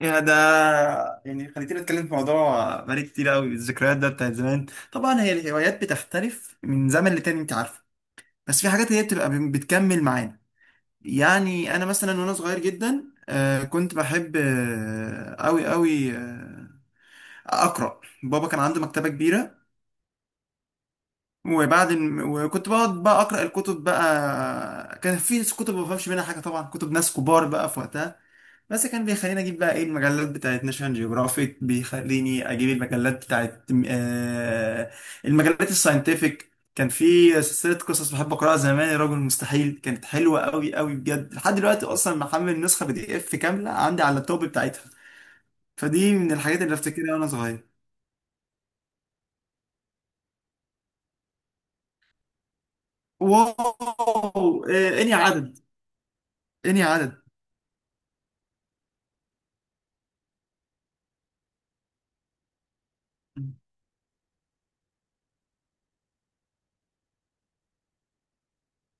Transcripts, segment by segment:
يا ده، يعني خليتني اتكلم في موضوع بقالي كتير قوي. الذكريات ده بتاعت زمان. طبعا هي الهوايات بتختلف من زمن لتاني، انت عارفه. بس في حاجات هي بتبقى بتكمل معانا. يعني انا مثلا وانا صغير جدا، كنت بحب قوي قوي اقرا. بابا كان عنده مكتبه كبيره. وكنت بقعد بقى اقرا الكتب بقى. كان في كتب ما بفهمش منها حاجه طبعا، كتب ناس كبار بقى في وقتها. بس كان بيخليني اجيب بقى ايه المجلات بتاعت ناشونال جيوغرافيك، بيخليني اجيب المجلات بتاعت المجلات الساينتفك. كان في سلسله قصص بحب اقراها زمان، يا راجل مستحيل، كانت حلوه قوي قوي بجد. لحد دلوقتي اصلا محمل نسخه بي دي اف كامله عندي على اللابتوب بتاعتها. فدي من الحاجات اللي افتكرها وانا صغير. واو اني عدد، اني عدد.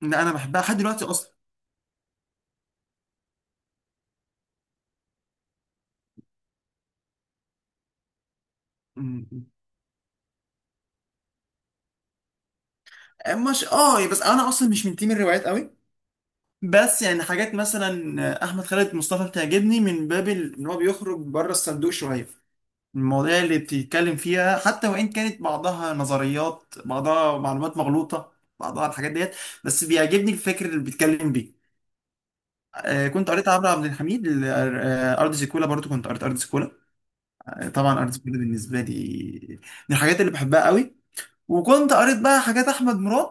لا انا بحبها لحد دلوقتي اصلا. م- م. مش اه، بس انا اصلا مش من تيم الروايات قوي. بس يعني حاجات مثلا احمد خالد مصطفى بتعجبني من باب ان هو بيخرج بره الصندوق شويه. المواضيع اللي بتتكلم فيها، حتى وان كانت بعضها نظريات، بعضها معلومات مغلوطه، بعضها الحاجات ديت، بس بيعجبني الفكر اللي بيتكلم بيه. كنت قريت عمرو عبد الحميد، ارض زيكولا. برضو كنت قريت ارض زيكولا. طبعا ارض زيكولا بالنسبه لي من الحاجات اللي بحبها قوي. وكنت قريت بقى حاجات احمد مراد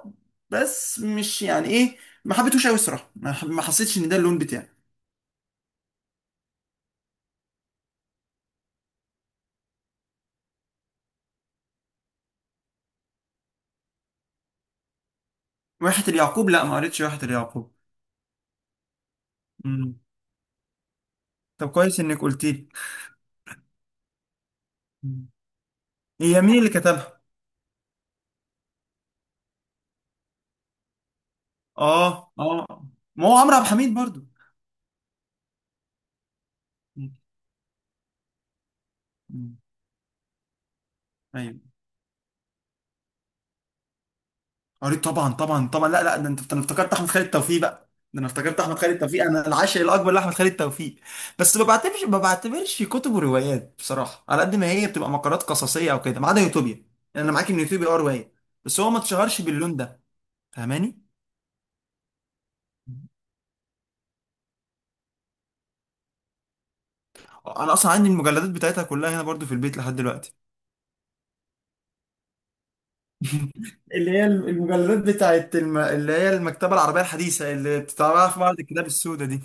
بس مش يعني ايه، ما حبيتهوش قوي الصراحه. ما حسيتش ان ده اللون بتاعي. واحة اليعقوب؟ لا ما قريتش واحة اليعقوب. مم. طب كويس انك قلت لي. مم. هي مين اللي كتبها؟ اه اه، ما هو عمرو عبد الحميد برضو. مم. مم. ايوه، قريت طبعا طبعا طبعا. لا لا ده انت، ده انا افتكرت احمد خالد توفيق بقى، ده انا افتكرت احمد خالد توفيق. انا العاشق الاكبر لاحمد خالد توفيق. بس ما بعتبرش ما بعتبرش كتب وروايات بصراحه، على قد ما هي بتبقى مقالات قصصيه او كده، ما عدا يوتوبيا. يعني انا معاك ان يوتوبيا اه روايه، بس هو ما اتشهرش باللون ده. فاهماني. انا اصلا عندي المجلدات بتاعتها كلها هنا برضو في البيت لحد دلوقتي، اللي هي المجلدات بتاعت اللي هي المكتبة العربية الحديثة اللي بتتعمل في معرض الكتاب السوداء دي.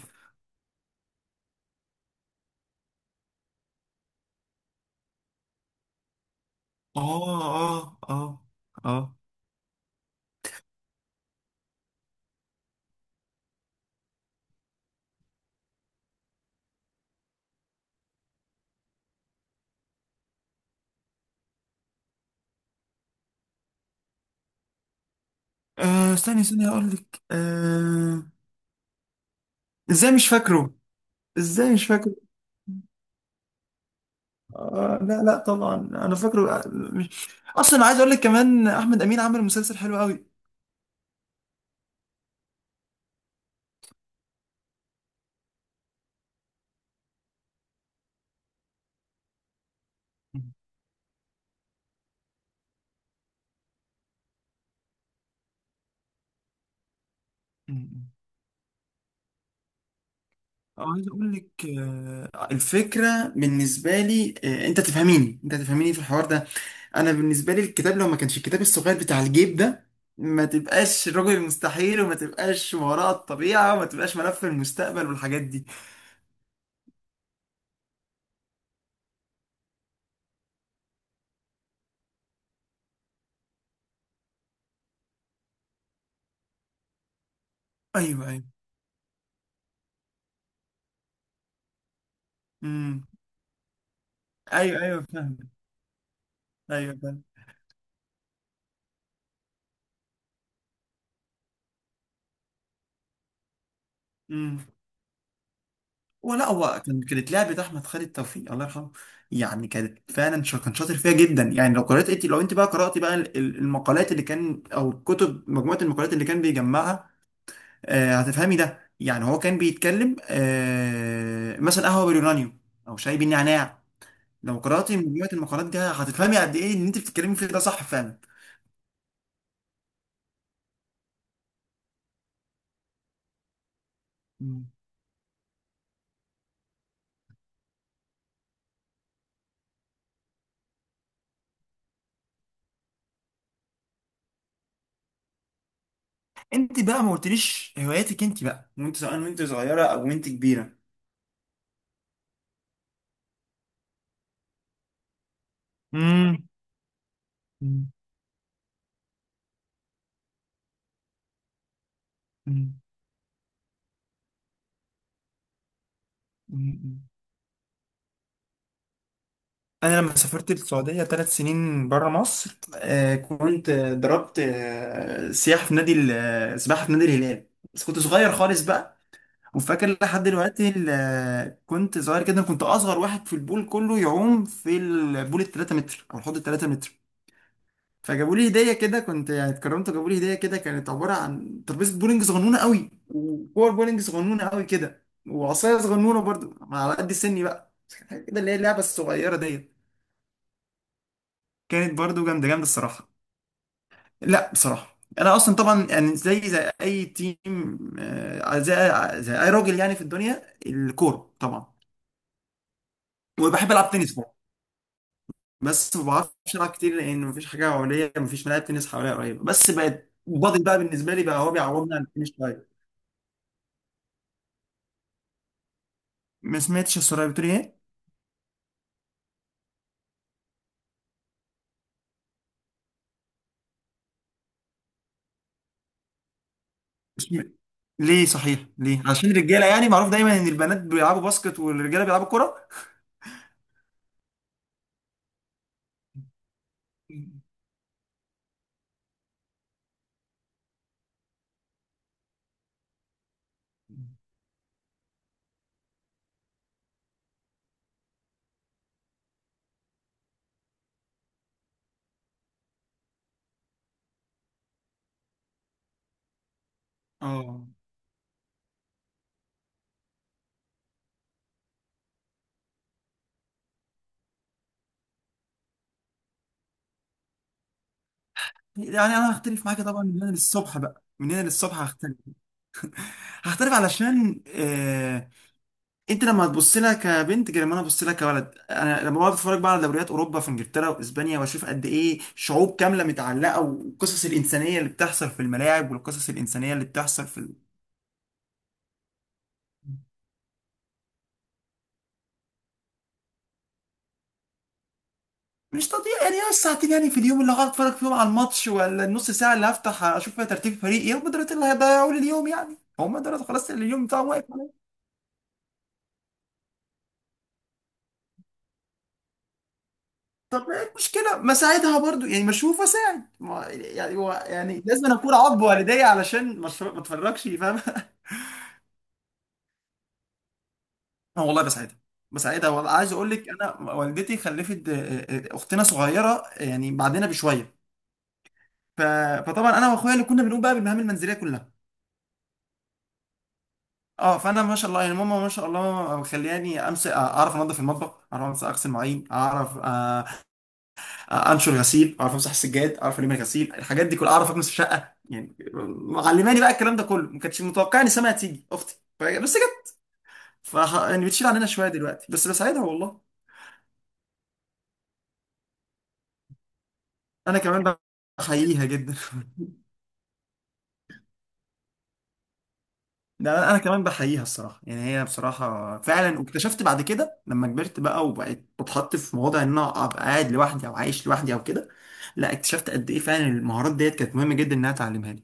اه اه اه. اه. استني استني هقول لك آه. ازاي مش فاكره. ازاي مش فاكره. لا لا طبعا انا فاكره، آه، مش... اصلا عايز اقول لك كمان احمد امين عمل مسلسل حلو قوي. عايز اقول لك، الفكره بالنسبه لي، انت تفهميني، انت تفهميني في الحوار ده. انا بالنسبه لي الكتاب، لو ما كانش الكتاب الصغير بتاع الجيب ده، ما تبقاش الرجل المستحيل، وما تبقاش ما وراء الطبيعه، وما تبقاش ملف المستقبل والحاجات دي. ايوه ايوه. امم. ايوه ايوه فاهم. ايوه فاهم. ولا هو كان، كانت لعبة أحمد خالد توفيق الله يرحمه، يعني كانت فعلا كان شاطر فيها جدا. يعني لو قرأت انت، لو انت بقى قرأتي بقى المقالات اللي كان، أو الكتب مجموعة المقالات اللي كان بيجمعها، هتفهمي ده. يعني هو كان بيتكلم مثلا قهوة باليورانيوم، أو شاي بالنعناع. لو قرأتي مجموعة المقالات دي هتفهمي قد إيه إن انت بتتكلمي فيه ده صح فعلا. مم. انت بقى ما قلتليش هواياتك انت بقى، وانت سواء وانت صغيرة أو وانت كبيرة. مم. مم. مم. مم. انا لما سافرت السعوديه ثلاث سنين بره مصر، كنت، ضربت، سياحه في نادي سباحه في نادي الهلال. بس كنت صغير خالص بقى. وفاكر لحد دلوقتي كنت صغير جدا، كنت اصغر واحد في البول كله يعوم في البول ال 3 متر او الحوض ال 3 متر. فجابوا لي هديه كده، كنت يعني اتكرمت، وجابوا لي هديه كده كانت عباره عن ترابيزه بولينج صغنونه قوي، وكور بولينج صغنونه قوي كده، وعصايه صغنونه برضو على قد سني بقى، بس كانت حاجة كده اللي هي اللعبه الصغيره ديت. كانت برضو جامده جامده الصراحه. لا بصراحه، انا اصلا طبعا يعني زي اي تيم، زي اي راجل يعني في الدنيا الكوره طبعا. وبحب العب تنس برضه، بس ما بعرفش العب كتير لان مفيش حاجه حواليا، مفيش ملاعب تنس حواليا قريبه. بس بقت بادل بقى بالنسبه لي بقى، هو بيعوضني عن التنس شويه. ما سمعتش السؤال، بتقولي ايه؟ اسم- ليه صحيح، ليه؟ عشان الرجاله يعني، معروف دايما ان البنات بيلعبوا باسكت والرجاله بيلعبوا كوره. اه. يعني انا هختلف معاك طبعا من هنا للصبح بقى، من هنا للصبح هختلف. هختلف علشان انت لما هتبص لها كبنت غير لما انا ابص لها كولد. انا لما بقعد اتفرج بقى على دوريات اوروبا في انجلترا واسبانيا واشوف قد ايه شعوب كامله متعلقه، والقصص الانسانيه اللي بتحصل في الملاعب، والقصص الانسانيه اللي بتحصل في ال... مش تضييع. يعني هي الساعتين يعني في اليوم اللي هقعد اتفرج فيهم على الماتش، ولا النص ساعه اللي هفتح اشوف فيها ترتيب فريق، ايه هم دول اللي هيضيعوا لي اليوم؟ يعني هم دول خلاص اللي اليوم بتاعهم واقف. طب ايه المشكلة؟ ما ساعدها برضو، يعني مشروف وساعد، ما يعني هو يعني لازم أنا اكون عض والدي علشان مشروع ما اتفرجش، فاهم؟ اه والله بساعدها، بساعدها والله. عايز اقول لك، انا والدتي خلفت اختنا صغيرة، يعني بعدنا بشوية. ف... فطبعا انا واخويا اللي كنا بنقوم بقى بالمهام المنزلية كلها. اه، فانا ما شاء الله، يعني ماما ما شاء الله مخلياني امسك، اعرف انظف المطبخ، اعرف امسك اغسل مواعين، اعرف انشر غسيل، اعرف امسح السجاد، اعرف الم غسيل، الحاجات دي كلها اعرف اكنس في شقه يعني. معلماني بقى الكلام ده كله، ما كانتش متوقع ان سما هتيجي اختي بس جت. ف يعني بتشيل عننا شويه دلوقتي، بس بساعدها والله. انا كمان بحييها جدا. ده انا كمان بحييها الصراحه. يعني هي بصراحه فعلا، واكتشفت بعد كده لما كبرت بقى وبقيت بتحط في مواضع ان انا ابقى قاعد لوحدي او عايش لوحدي او كده، لا اكتشفت قد ايه فعلا المهارات ديت كانت مهمه جدا انها تعلمها لي.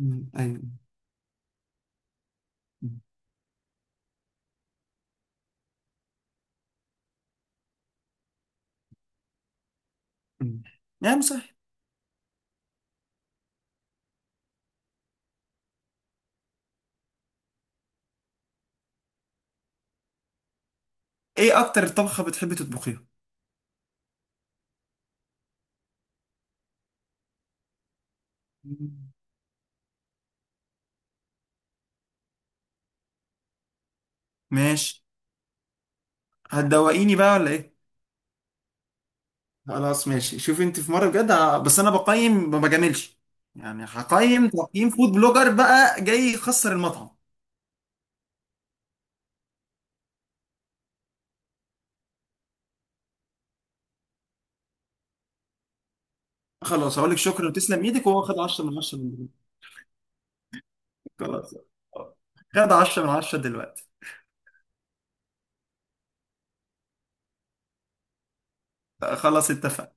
أمم، ايوه. أمم، أمم. نعم صح. ايه اكتر طبخة بتحبي تطبخيها؟ ماشي. هتدوقيني بقى ولا ايه؟ خلاص ماشي، شوفي انت في مرة بجد، بس انا بقيم ما بجاملش، يعني هقيم تقييم فود بلوجر بقى جاي يخسر المطعم. خلاص هقول لك شكرا وتسلم ايدك، وهو خد 10 من 10 من دلوقتي. خلاص. خد 10 من 10 دلوقتي. خلاص اتفقنا.